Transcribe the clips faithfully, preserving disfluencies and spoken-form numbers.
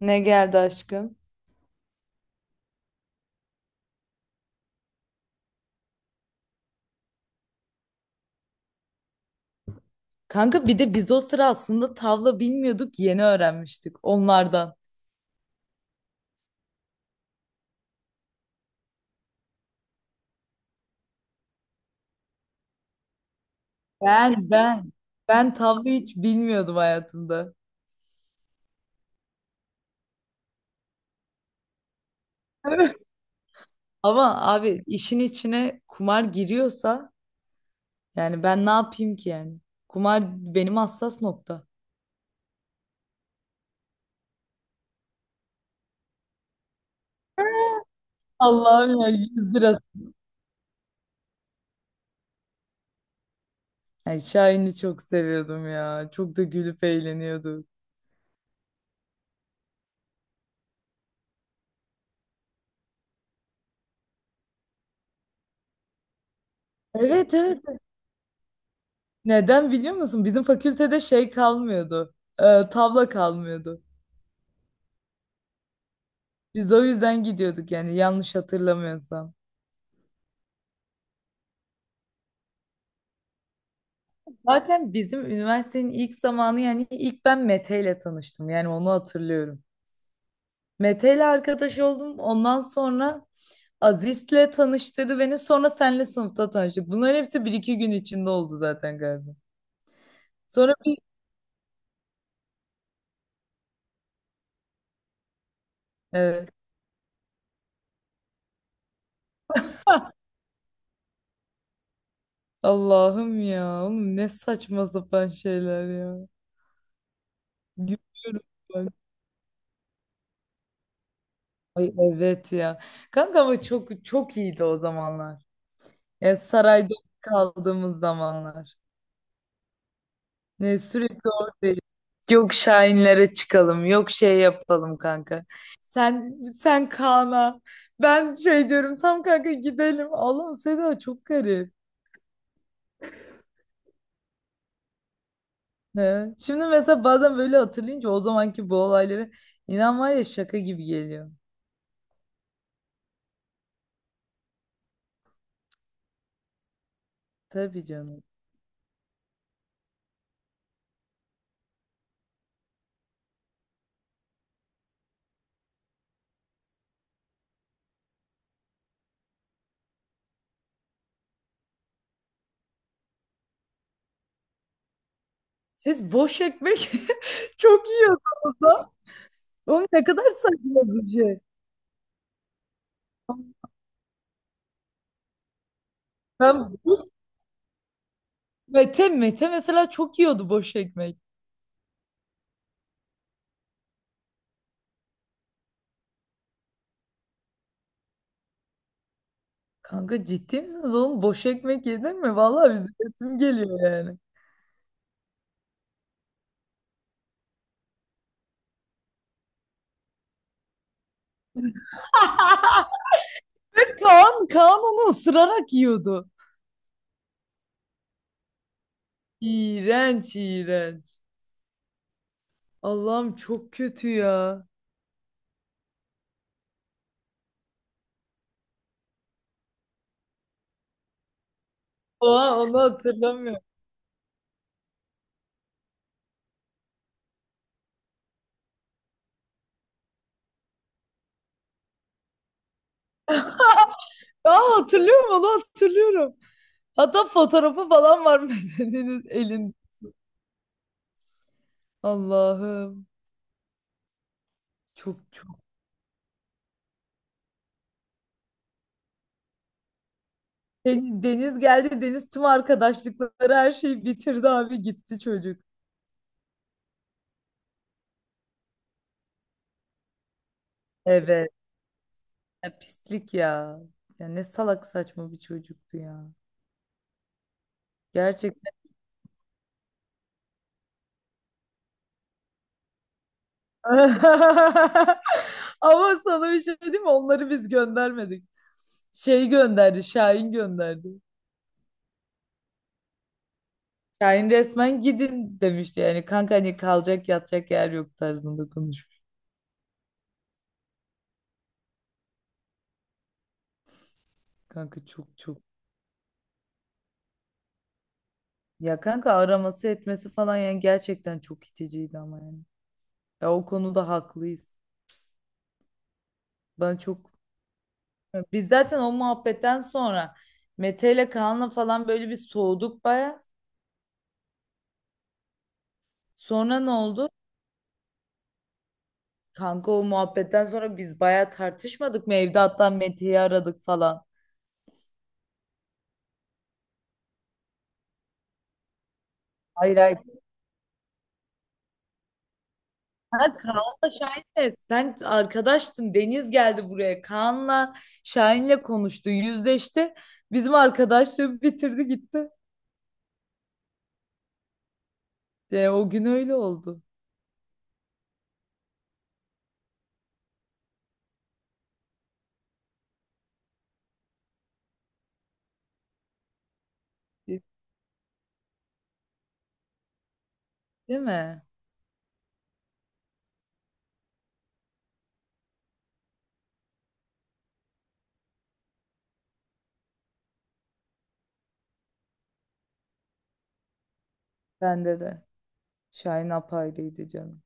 Ne geldi aşkım? Kanka bir de biz o sıra aslında tavla bilmiyorduk, yeni öğrenmiştik onlardan. Ben ben ben tavla hiç bilmiyordum hayatımda. Evet. Ama abi işin içine kumar giriyorsa yani ben ne yapayım ki yani? Kumar benim hassas nokta. Allah'ım ya yüz lira. Yani Şahin'i çok seviyordum ya. Çok da gülüp eğleniyorduk. Evet, evet. Neden biliyor musun? Bizim fakültede şey kalmıyordu. E, tavla kalmıyordu. Biz o yüzden gidiyorduk yani yanlış hatırlamıyorsam. Zaten bizim üniversitenin ilk zamanı yani ilk ben Mete ile tanıştım. Yani onu hatırlıyorum. Mete ile arkadaş oldum. Ondan sonra Aziz'le tanıştırdı beni. Sonra senle sınıfta tanıştık. Bunlar hepsi bir iki gün içinde oldu zaten galiba. Sonra bir... Evet. Allah'ım ya. Oğlum ne saçma sapan şeyler ya. Gülüyorum ben. Ay, evet ya. Kanka ama çok çok iyiydi o zamanlar. Yani sarayda kaldığımız zamanlar. Ne sürekli oradayız. Yok Şahinlere çıkalım, yok şey yapalım kanka. Sen sen Kaan'a. Ben şey diyorum tam kanka gidelim. Allah'ım Seda çok garip. Ne? Şimdi mesela bazen böyle hatırlayınca o zamanki bu olayları inan var ya şaka gibi geliyor. Tabii canım. Siz boş ekmek çok yiyordunuz da. Oğlum ne kadar saçma bir şey. Ben Mete, Mete mesela çok yiyordu boş ekmek. Kanka ciddi misiniz oğlum? Boş ekmek yedin mi? Vallahi üzülesim geliyor yani. Ve Kaan, Kaan onu ısırarak yiyordu. İğrenç, iğrenç. Allah'ım çok kötü ya. Oha, onu hatırlamıyorum. Aa, hatırlıyorum, onu hatırlıyorum. Hatta fotoğrafı falan var, Meden'in elin. Allah'ım, çok çok. Deniz, Deniz geldi. Deniz tüm arkadaşlıkları her şeyi bitirdi, abi gitti çocuk. Evet. Ya pislik ya. Ya ne salak saçma bir çocuktu ya. Gerçekten. Ama sana bir şey diyeyim mi? Onları biz göndermedik. Şey gönderdi, Şahin gönderdi. Şahin resmen gidin demişti yani. Kanka hani kalacak yatacak yer yok tarzında konuşmuş. Kanka çok çok. Ya kanka araması etmesi falan yani gerçekten çok iticiydi ama yani. Ya o konuda haklıyız. Ben çok Biz zaten o muhabbetten sonra Mete ile Kaan'la falan böyle bir soğuduk baya. Sonra ne oldu? Kanka o muhabbetten sonra biz baya tartışmadık mı? Evde hatta Mete'yi aradık falan. Hayır, hayır. Ha, Kaan'la Şahin'le sen arkadaştın. Deniz geldi buraya. Kaan'la Şahin'le konuştu. Yüzleşti. Bizim arkadaşlığı bitirdi gitti. E, o gün öyle oldu. Değil mi? Bende de. Şahin apayrıydı canım.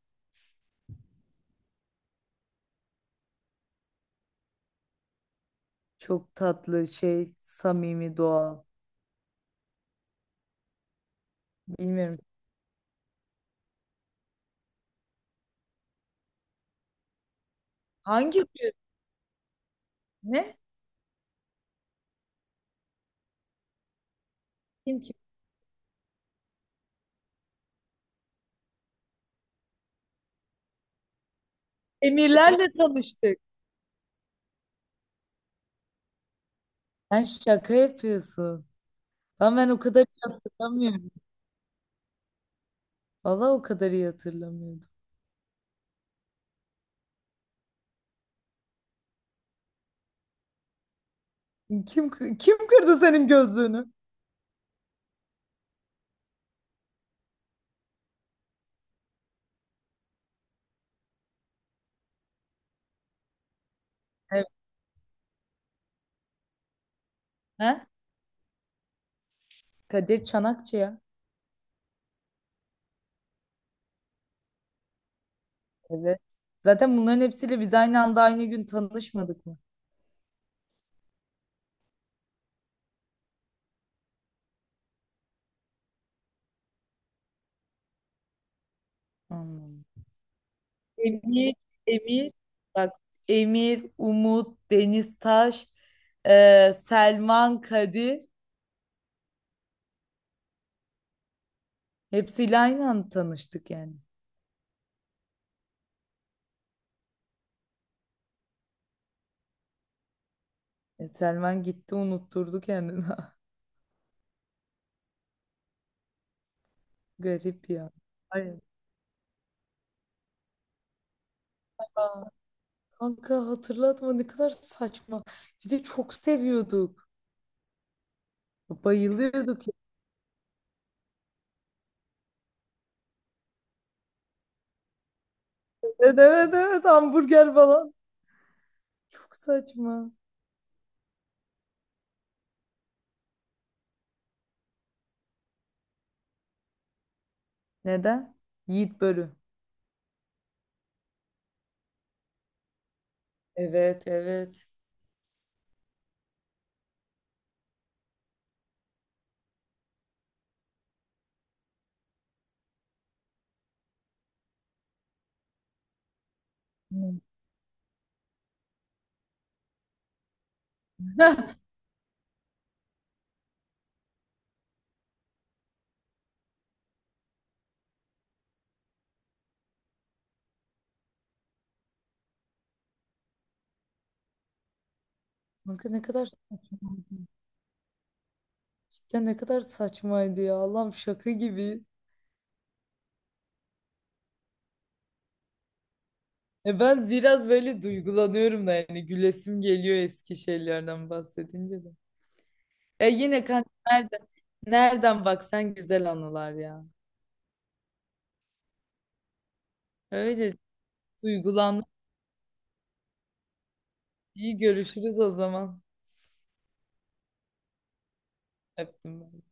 Çok tatlı şey, samimi, doğal. Bilmiyorum. Hangi gün? Ne? Kim, kim? Emirlerle tanıştık. Sen şaka yapıyorsun. Lan ben o kadar iyi hatırlamıyorum. Valla o kadar iyi hatırlamıyordum. Kim kı- kim kırdı senin gözlüğünü? Evet. Ha? Kadir Çanakçı ya. Evet. Zaten bunların hepsiyle biz aynı anda aynı gün tanışmadık mı? Anladım. Emir, Emir, Bak, Emir, Umut, Deniz Taş, eee, Selman, Kadir, hepsiyle aynı anda tanıştık yani. E, Selman gitti unutturdu kendini. Garip ya. Ay, kanka hatırlatma, ne kadar saçma. Biz de çok seviyorduk. Bayılıyorduk. Evet, evet, evet, hamburger falan. Çok saçma. Neden? Yiğit Börü. Evet, evet. Hmm. Kanka ne kadar saçma. Cidden ne kadar saçmaydı ya. Allah'ım şaka gibi. E ben biraz böyle duygulanıyorum da yani gülesim geliyor eski şeylerden bahsedince de. E yine kanka, nereden, nereden baksan güzel anılar ya. Öyle duygulandım. İyi görüşürüz o zaman. Öptüm ben.